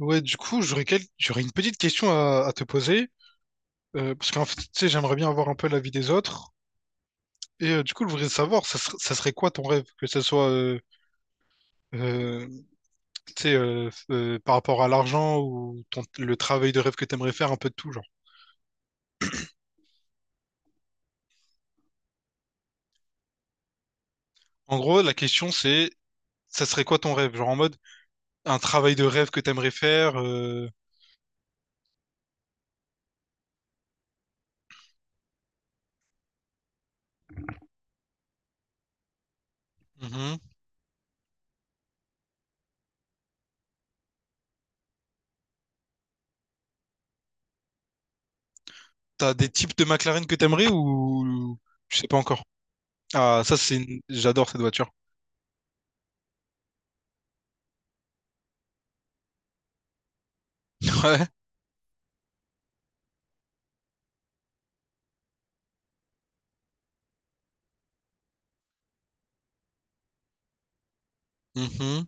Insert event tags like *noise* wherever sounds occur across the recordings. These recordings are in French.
Ouais, du coup, j'aurais une petite question à te poser, parce qu'en fait, tu sais, j'aimerais bien avoir un peu l'avis des autres. Du coup, je voudrais savoir, ça serait quoi ton rêve? Que ce soit, euh, tu sais, par rapport à l'argent le travail de rêve que t'aimerais faire, un peu de tout, genre. En gros, la question, c'est, ça serait quoi ton rêve? Genre en mode, un travail de rêve que t'aimerais faire, mhm. T'as des types de McLaren que t'aimerais , ou tu sais pas encore? Ah, j'adore cette voiture. *laughs* Ouais. Mhm.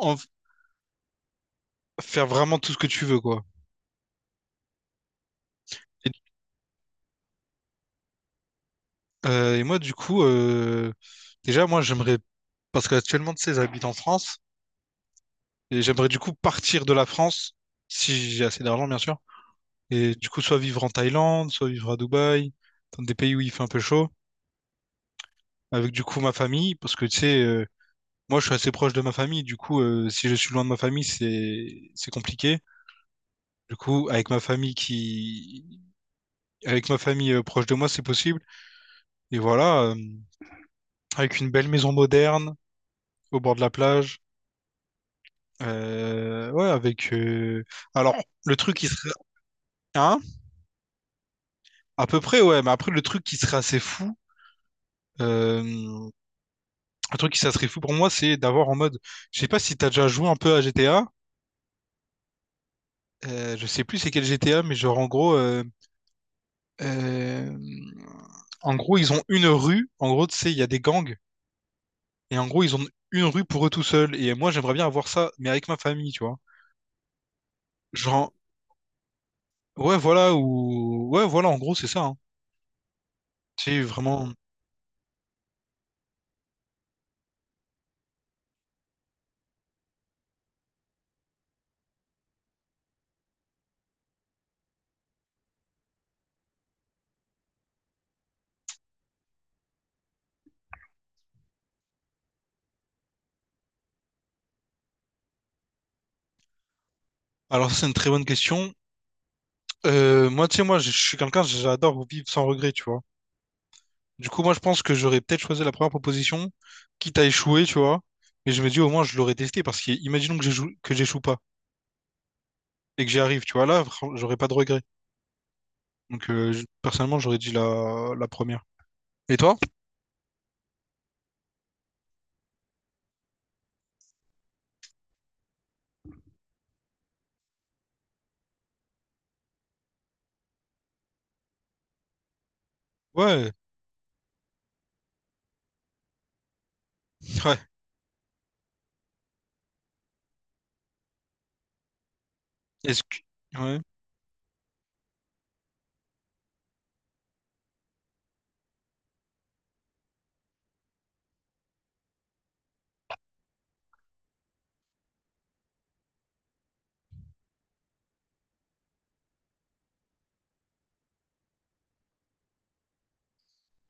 Ouais, faire vraiment tout ce que tu veux, quoi. Et, et moi, du coup, déjà, moi, j'aimerais, parce qu'actuellement, tu sais, j'habite en France, et j'aimerais du coup partir de la France, si j'ai assez d'argent, bien sûr, et du coup, soit vivre en Thaïlande, soit vivre à Dubaï, dans des pays où il fait un peu chaud, avec du coup ma famille, parce que tu sais, moi, je suis assez proche de ma famille, du coup, si je suis loin de ma famille, c'est compliqué. Du coup, avec ma famille proche de moi, c'est possible. Et voilà, avec une belle maison moderne au bord de la plage. Ouais, avec. Alors, ouais, le truc qui serait. Hein? À peu près, ouais, mais après, le truc qui serait assez fou. euh, Un truc qui ça serait fou pour moi, c'est d'avoir en mode. Je sais pas si t'as déjà joué un peu à GTA. Je sais plus c'est quel GTA, mais genre, en gros. Euh, En gros, ils ont une rue. En gros, tu sais, il y a des gangs. Et en gros, ils ont une rue pour eux tout seuls. Et moi, j'aimerais bien avoir ça, mais avec ma famille, tu vois. Genre, ouais, voilà, ou, ouais, voilà, en gros, c'est ça, hein. C'est vraiment. Alors, ça, c'est une très bonne question. Moi, tu sais, moi, je suis quelqu'un, j'adore vivre sans regret, tu vois. Du coup, moi, je pense que j'aurais peut-être choisi la première proposition, quitte à échouer, tu vois. Mais je me dis, au moins, je l'aurais testé, parce que imaginons que j'échoue pas et que j'y arrive, tu vois. J'aurais pas de regret. Donc, personnellement, j'aurais dit la première. Et toi? Ouais, ouais. Est-ce que... Ouais.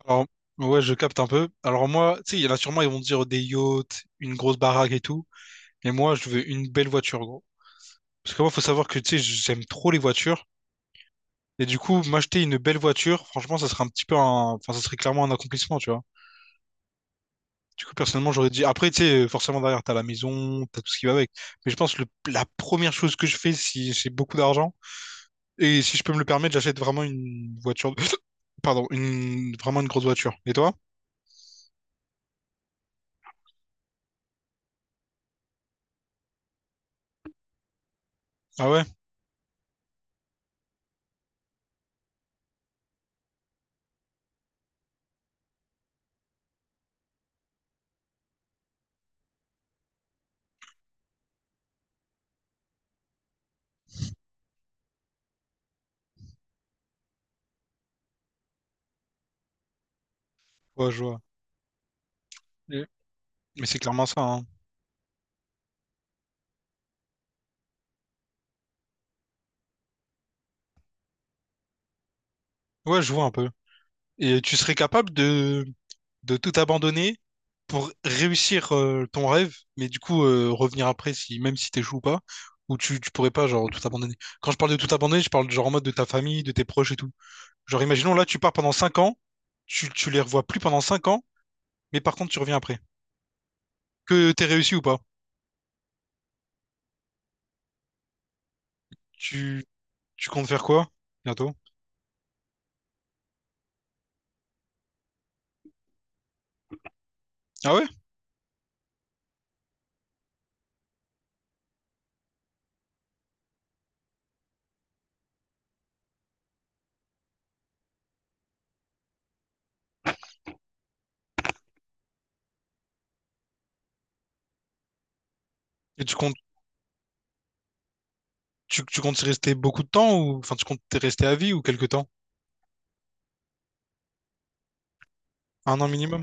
Alors, ouais, je capte un peu. Alors, moi, tu sais, il y en a sûrement, ils vont dire des yachts, une grosse baraque et tout. Mais moi, je veux une belle voiture, gros. Parce que moi, faut savoir que, tu sais, j'aime trop les voitures. Et du coup, m'acheter une belle voiture, franchement, ça serait un petit peu un... Enfin, ça serait clairement un accomplissement, tu vois. Du coup, personnellement, j'aurais dit... Après, tu sais, forcément, derrière, t'as la maison, t'as tout ce qui va avec. Mais je pense que la première chose que je fais, si j'ai beaucoup d'argent, et si je peux me le permettre, j'achète vraiment une voiture... *coughs* *sniffs* Pardon, une... vraiment une grosse voiture. Et toi? Ah ouais? Ouais, je vois. Et- mais c'est clairement ça, hein. Ouais, je vois un peu. Et tu serais capable de tout abandonner pour réussir ton rêve, mais du coup revenir après si même si t'échoues ou pas, ou tu pourrais pas genre tout abandonner. Quand je parle de tout abandonner, je parle genre en mode de ta famille, de tes proches et tout. Genre imaginons là tu pars pendant 5 ans, tu les revois plus pendant 5 ans, mais par contre tu reviens après. Que t'aies réussi ou pas? Tu, Tu comptes faire quoi bientôt? Ah ouais? Et tu comptes tu comptes y rester beaucoup de temps ou enfin tu comptes y rester à vie ou quelque temps? Un an minimum?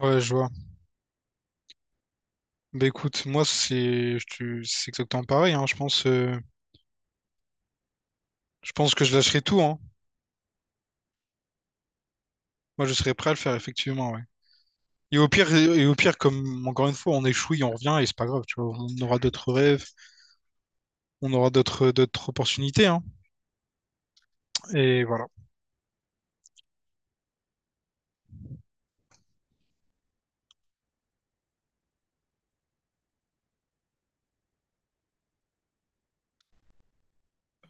Ouais, je vois. Bah écoute, moi c'est c'est exactement pareil, hein. Je pense que je lâcherai tout, hein. Moi, je serais prêt à le faire, effectivement, ouais. Et au pire, comme encore une fois, on échoue et on revient, et c'est pas grave, tu vois. On aura d'autres rêves, on aura d'autres opportunités, hein. Et voilà.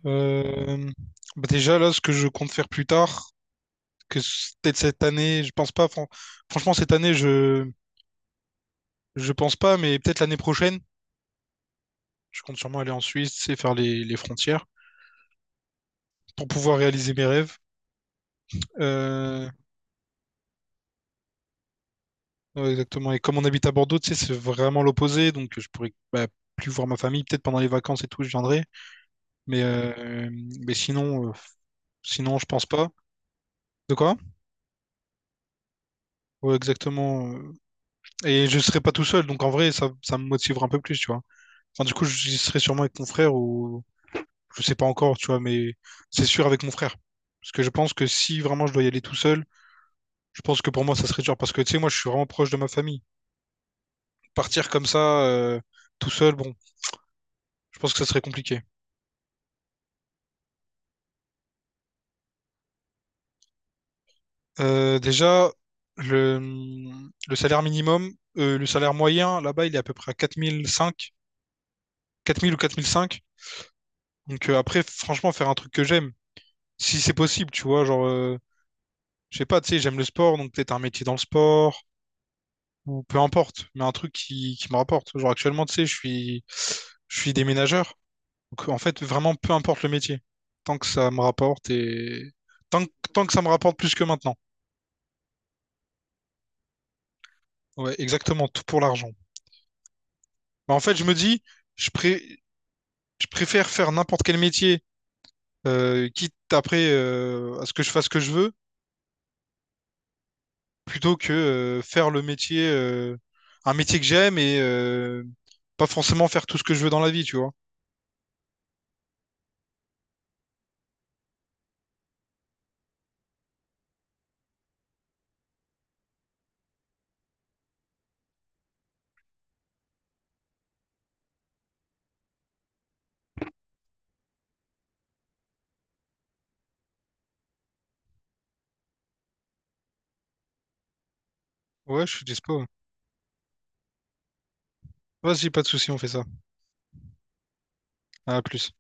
Euh, bah déjà, là, ce que je compte faire plus tard, peut-être cette année, je pense pas, franchement, cette année, je pense pas, mais peut-être l'année prochaine, je compte sûrement aller en Suisse et faire les frontières pour pouvoir réaliser mes rêves. Euh, Ouais, exactement. Et comme on habite à Bordeaux, tu sais, c'est vraiment l'opposé. Donc, je pourrais bah, plus voir ma famille. Peut-être pendant les vacances et tout, je viendrai. Mais, euh, mais sinon, je pense pas. De quoi? Ouais, exactement. Euh, et je serai pas tout seul. Donc, en vrai, ça me motivera un peu plus, tu vois. Enfin, du coup, j'y serai sûrement avec mon frère ou je sais pas encore, tu vois, mais c'est sûr avec mon frère. Parce que je pense que si vraiment je dois y aller tout seul, je pense que pour moi, ça serait dur. Parce que, tu sais, moi, je suis vraiment proche de ma famille. Partir comme ça, tout seul, bon, je pense que ça serait compliqué. Déjà, le, le salaire minimum, le salaire moyen, là-bas, il est à peu près à quatre mille cinq, 4 000 ou 4005. Donc après, franchement, faire un truc que j'aime, si c'est possible, tu vois, genre, je sais pas, tu sais, j'aime le sport, donc peut-être un métier dans le sport, ou peu importe, mais un truc qui me rapporte. Genre actuellement, tu sais, je suis déménageur. Donc en fait, vraiment, peu importe le métier, tant que ça me rapporte et tant que ça me rapporte plus que maintenant. Ouais, exactement, tout pour l'argent. Bah, en fait, je me dis... Je, pré- Je préfère faire n'importe quel métier, quitte après à ce que je fasse ce que je veux, plutôt que faire le métier, un métier que j'aime et pas forcément faire tout ce que je veux dans la vie, tu vois. Ouais, je suis dispo. Vas-y, pas de souci, on fait ça. À plus.